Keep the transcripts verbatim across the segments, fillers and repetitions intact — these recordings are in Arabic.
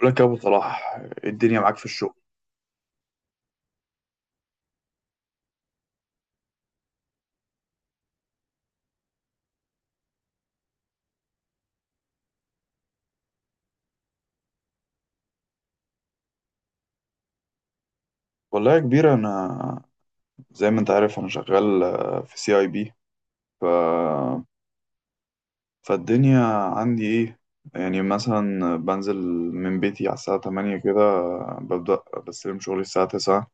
بقول لك يا ابو صلاح، إيه الدنيا معاك في الشغل؟ والله يا كبير، انا زي ما انت عارف انا شغال آه، في سي اي بي. ف... فالدنيا عندي ايه؟ يعني مثلا بنزل من بيتي على الساعة ثمانية كده. آه، ببدأ بستلم شغلي الساعة تسعة،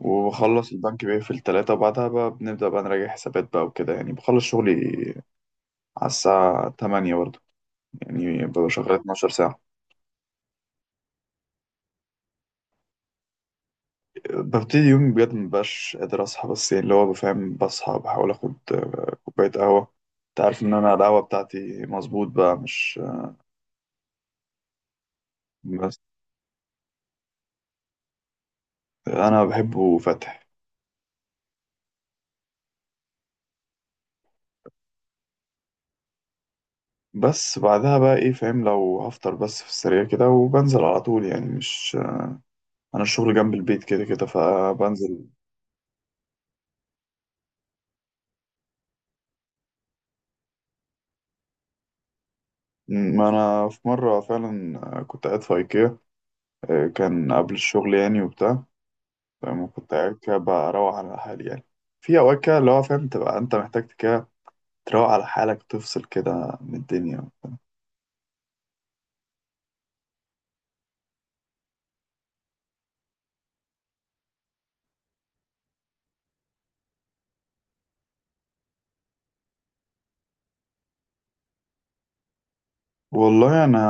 وبخلص، البنك بيقفل ثلاثة، وبعدها بقى بنبدأ بقى نراجع حسابات بقى وكده. يعني بخلص شغلي على الساعة ثمانية برضه. يعني ببقى شغال 12 ساعة. ببتدي يومي، بجد مبقاش قادر أصحى، بس يعني اللي هو بفهم، بصحى بحاول آخد آه، كوباية قهوة. أنت عارف إن أنا القهوة بتاعتي مظبوط بقى، مش بس أنا بحبه فاتح. بس بعدها بقى، إيه، فاهم، لو هفطر بس في السريع كده، وبنزل على طول. يعني مش، أنا الشغل جنب البيت كده كده، فبنزل. ما أنا في مرة فعلا آه، كنت قاعد في أيكيا. آه، كان قبل الشغل يعني، وبتاع، فاهم، كنت قاعد كده بروح على حالي يعني. في أوقات كده اللي هو فاهم، تبقى أنت محتاج كده تروق على حالك وتفصل كده من الدنيا. والله انا،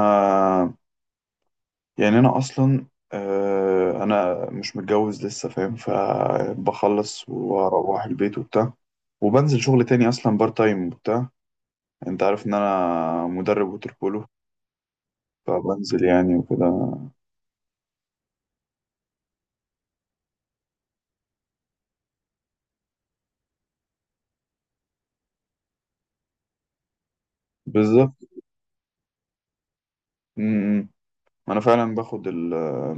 يعني انا اصلا، آه، انا مش متجوز لسه فاهم، فبخلص واروح البيت وبتاع، وبنزل شغل تاني اصلا بار تايم وبتاع. انت عارف ان انا مدرب ووتر بولو، فبنزل يعني وكده. بالظبط. م- م. انا فعلا باخد ال-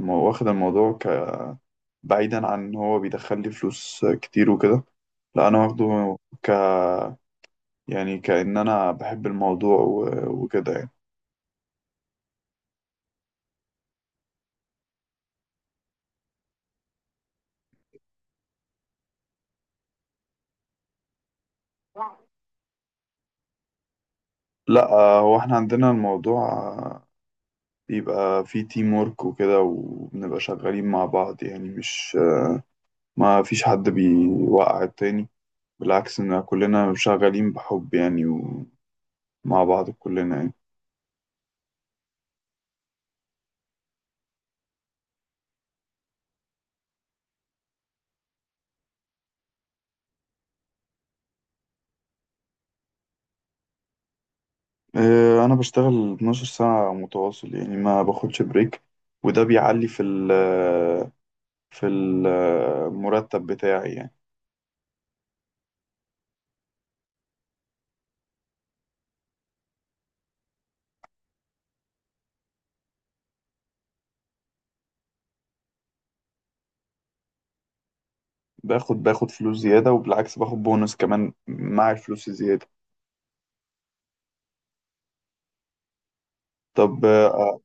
واخد الموضوع ك... بعيدا عن ان هو بيدخل لي فلوس كتير وكده، لا انا واخده، يعني كأن أنا بحب الموضوع و- وكده يعني. لا آه، هو احنا عندنا الموضوع، آه، بيبقى فيه تيم ورك وكده، وبنبقى شغالين مع بعض يعني. مش، ما فيش حد بيوقع التاني، بالعكس، ان كلنا شغالين بحب يعني ومع بعض كلنا يعني. آه، انا بشتغل 12 ساعة متواصل يعني، ما باخدش بريك، وده بيعلي في ال، في المرتب بتاعي يعني. باخد باخد فلوس زيادة، وبالعكس باخد بونص كمان مع الفلوس الزيادة. طب آه،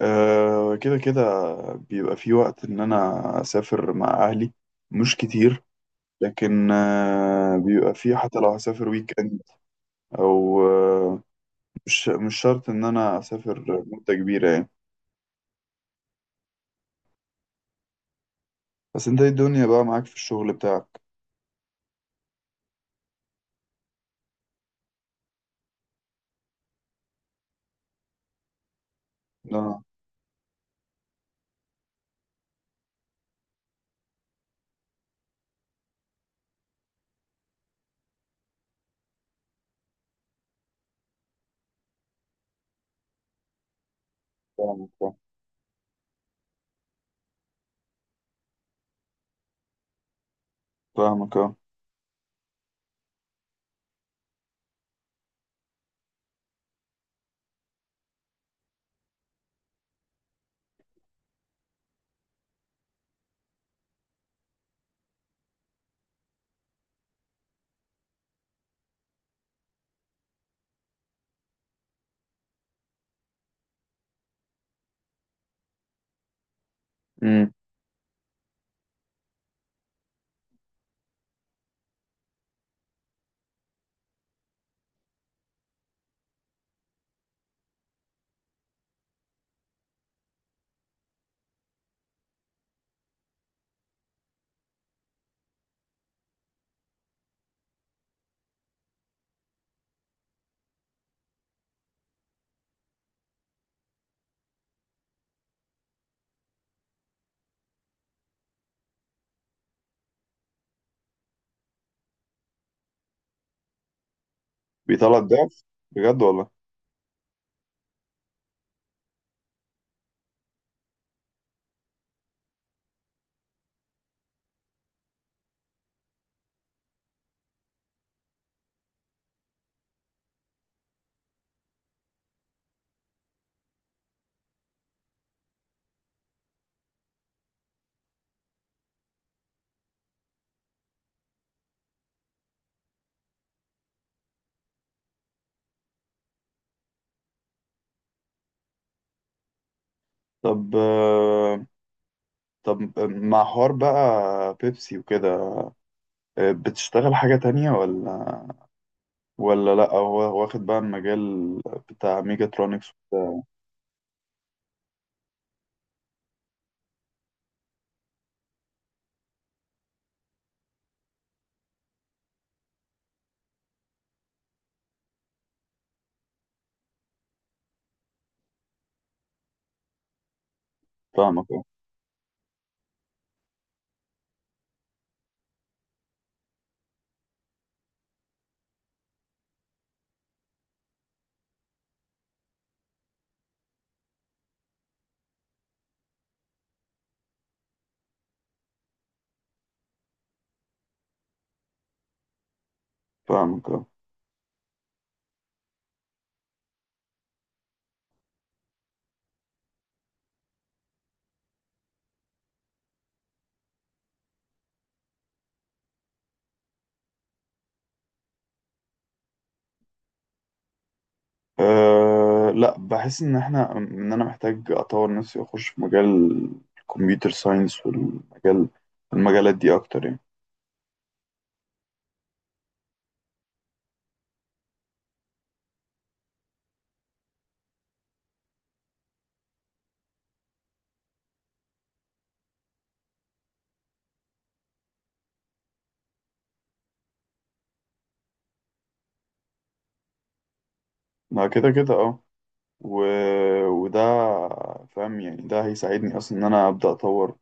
آه، كده كده بيبقى في وقت إن أنا أسافر مع أهلي، مش كتير. لكن آه، بيبقى في حتى لو هسافر ويك إند، أو آه، مش مش شرط إن أنا أسافر مدة كبيرة يعني. بس أنت إيه الدنيا بقى معاك في الشغل بتاعك؟ أنا. فاهمك آه، فاهمك أه. أمم. بيطلع الضعف؟ بجد والله. طب آه، طب مع حوار بقى بيبسي وكده، آه، بتشتغل حاجة تانية، ولا، ولا لأ هو واخد بقى المجال بتاع ميجاترونكس؟ فاهمك اه. فاهمك اه. آه، لأ، بحس إن احنا، إن أنا محتاج أطور نفسي وأخش في مجال الكمبيوتر ساينس، والمجال، المجالات دي أكتر يعني. ما كده كده اه. و... وده فاهم، يعني ده هيساعدني أصلا إن أنا أبدأ أطور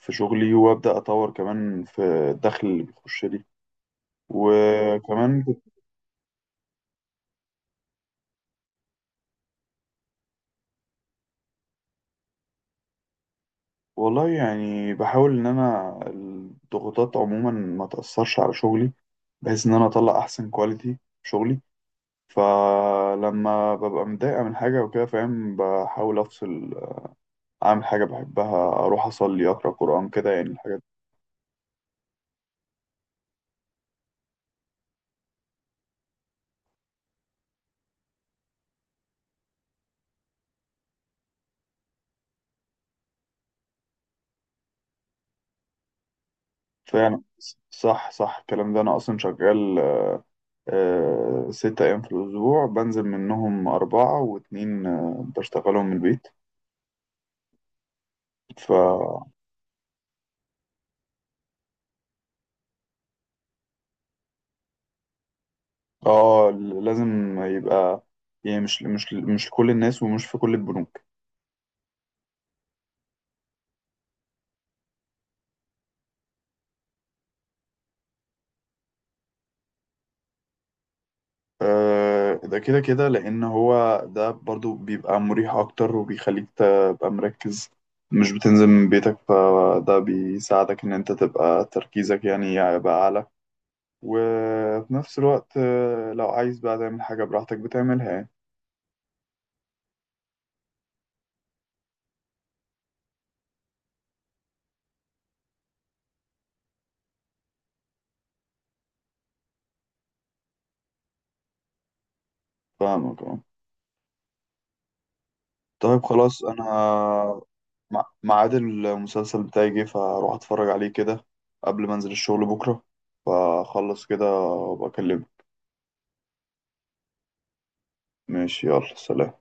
في شغلي، وأبدأ أطور كمان في الدخل اللي بيخش لي. وكمان، والله يعني بحاول إن أنا الضغوطات عموما ما تأثرش على شغلي، بحيث إن أنا أطلع أحسن كواليتي في شغلي. فلما ببقى متضايقة من حاجة وكده فاهم، بحاول أفصل، أعمل حاجة بحبها، أروح أصلي، أقرأ قرآن كده، يعني الحاجات. فعلا. صح صح الكلام ده، أنا أصلا شغال آه، ست أيام في الأسبوع، بنزل منهم أربعة، واتنين آه، بشتغلهم من البيت. ف، اه، لازم يبقى، يعني مش مش مش كل الناس، ومش في كل البنوك. آه ده كده كده، لأن هو ده برضو بيبقى مريح أكتر، وبيخليك تبقى مركز، مش بتنزل من بيتك، فده بيساعدك إن أنت تبقى تركيزك يعني يبقى أعلى. وفي نفس الوقت آه، لو عايز بقى تعمل حاجة براحتك بتعملها يعني. فاهمك اه. طيب خلاص انا، مع- ميعاد المسلسل بتاعي جه، فاروح اتفرج عليه كده قبل ما انزل الشغل بكره. فاخلص كده وابقى اكلمك. ماشي، يلا سلام.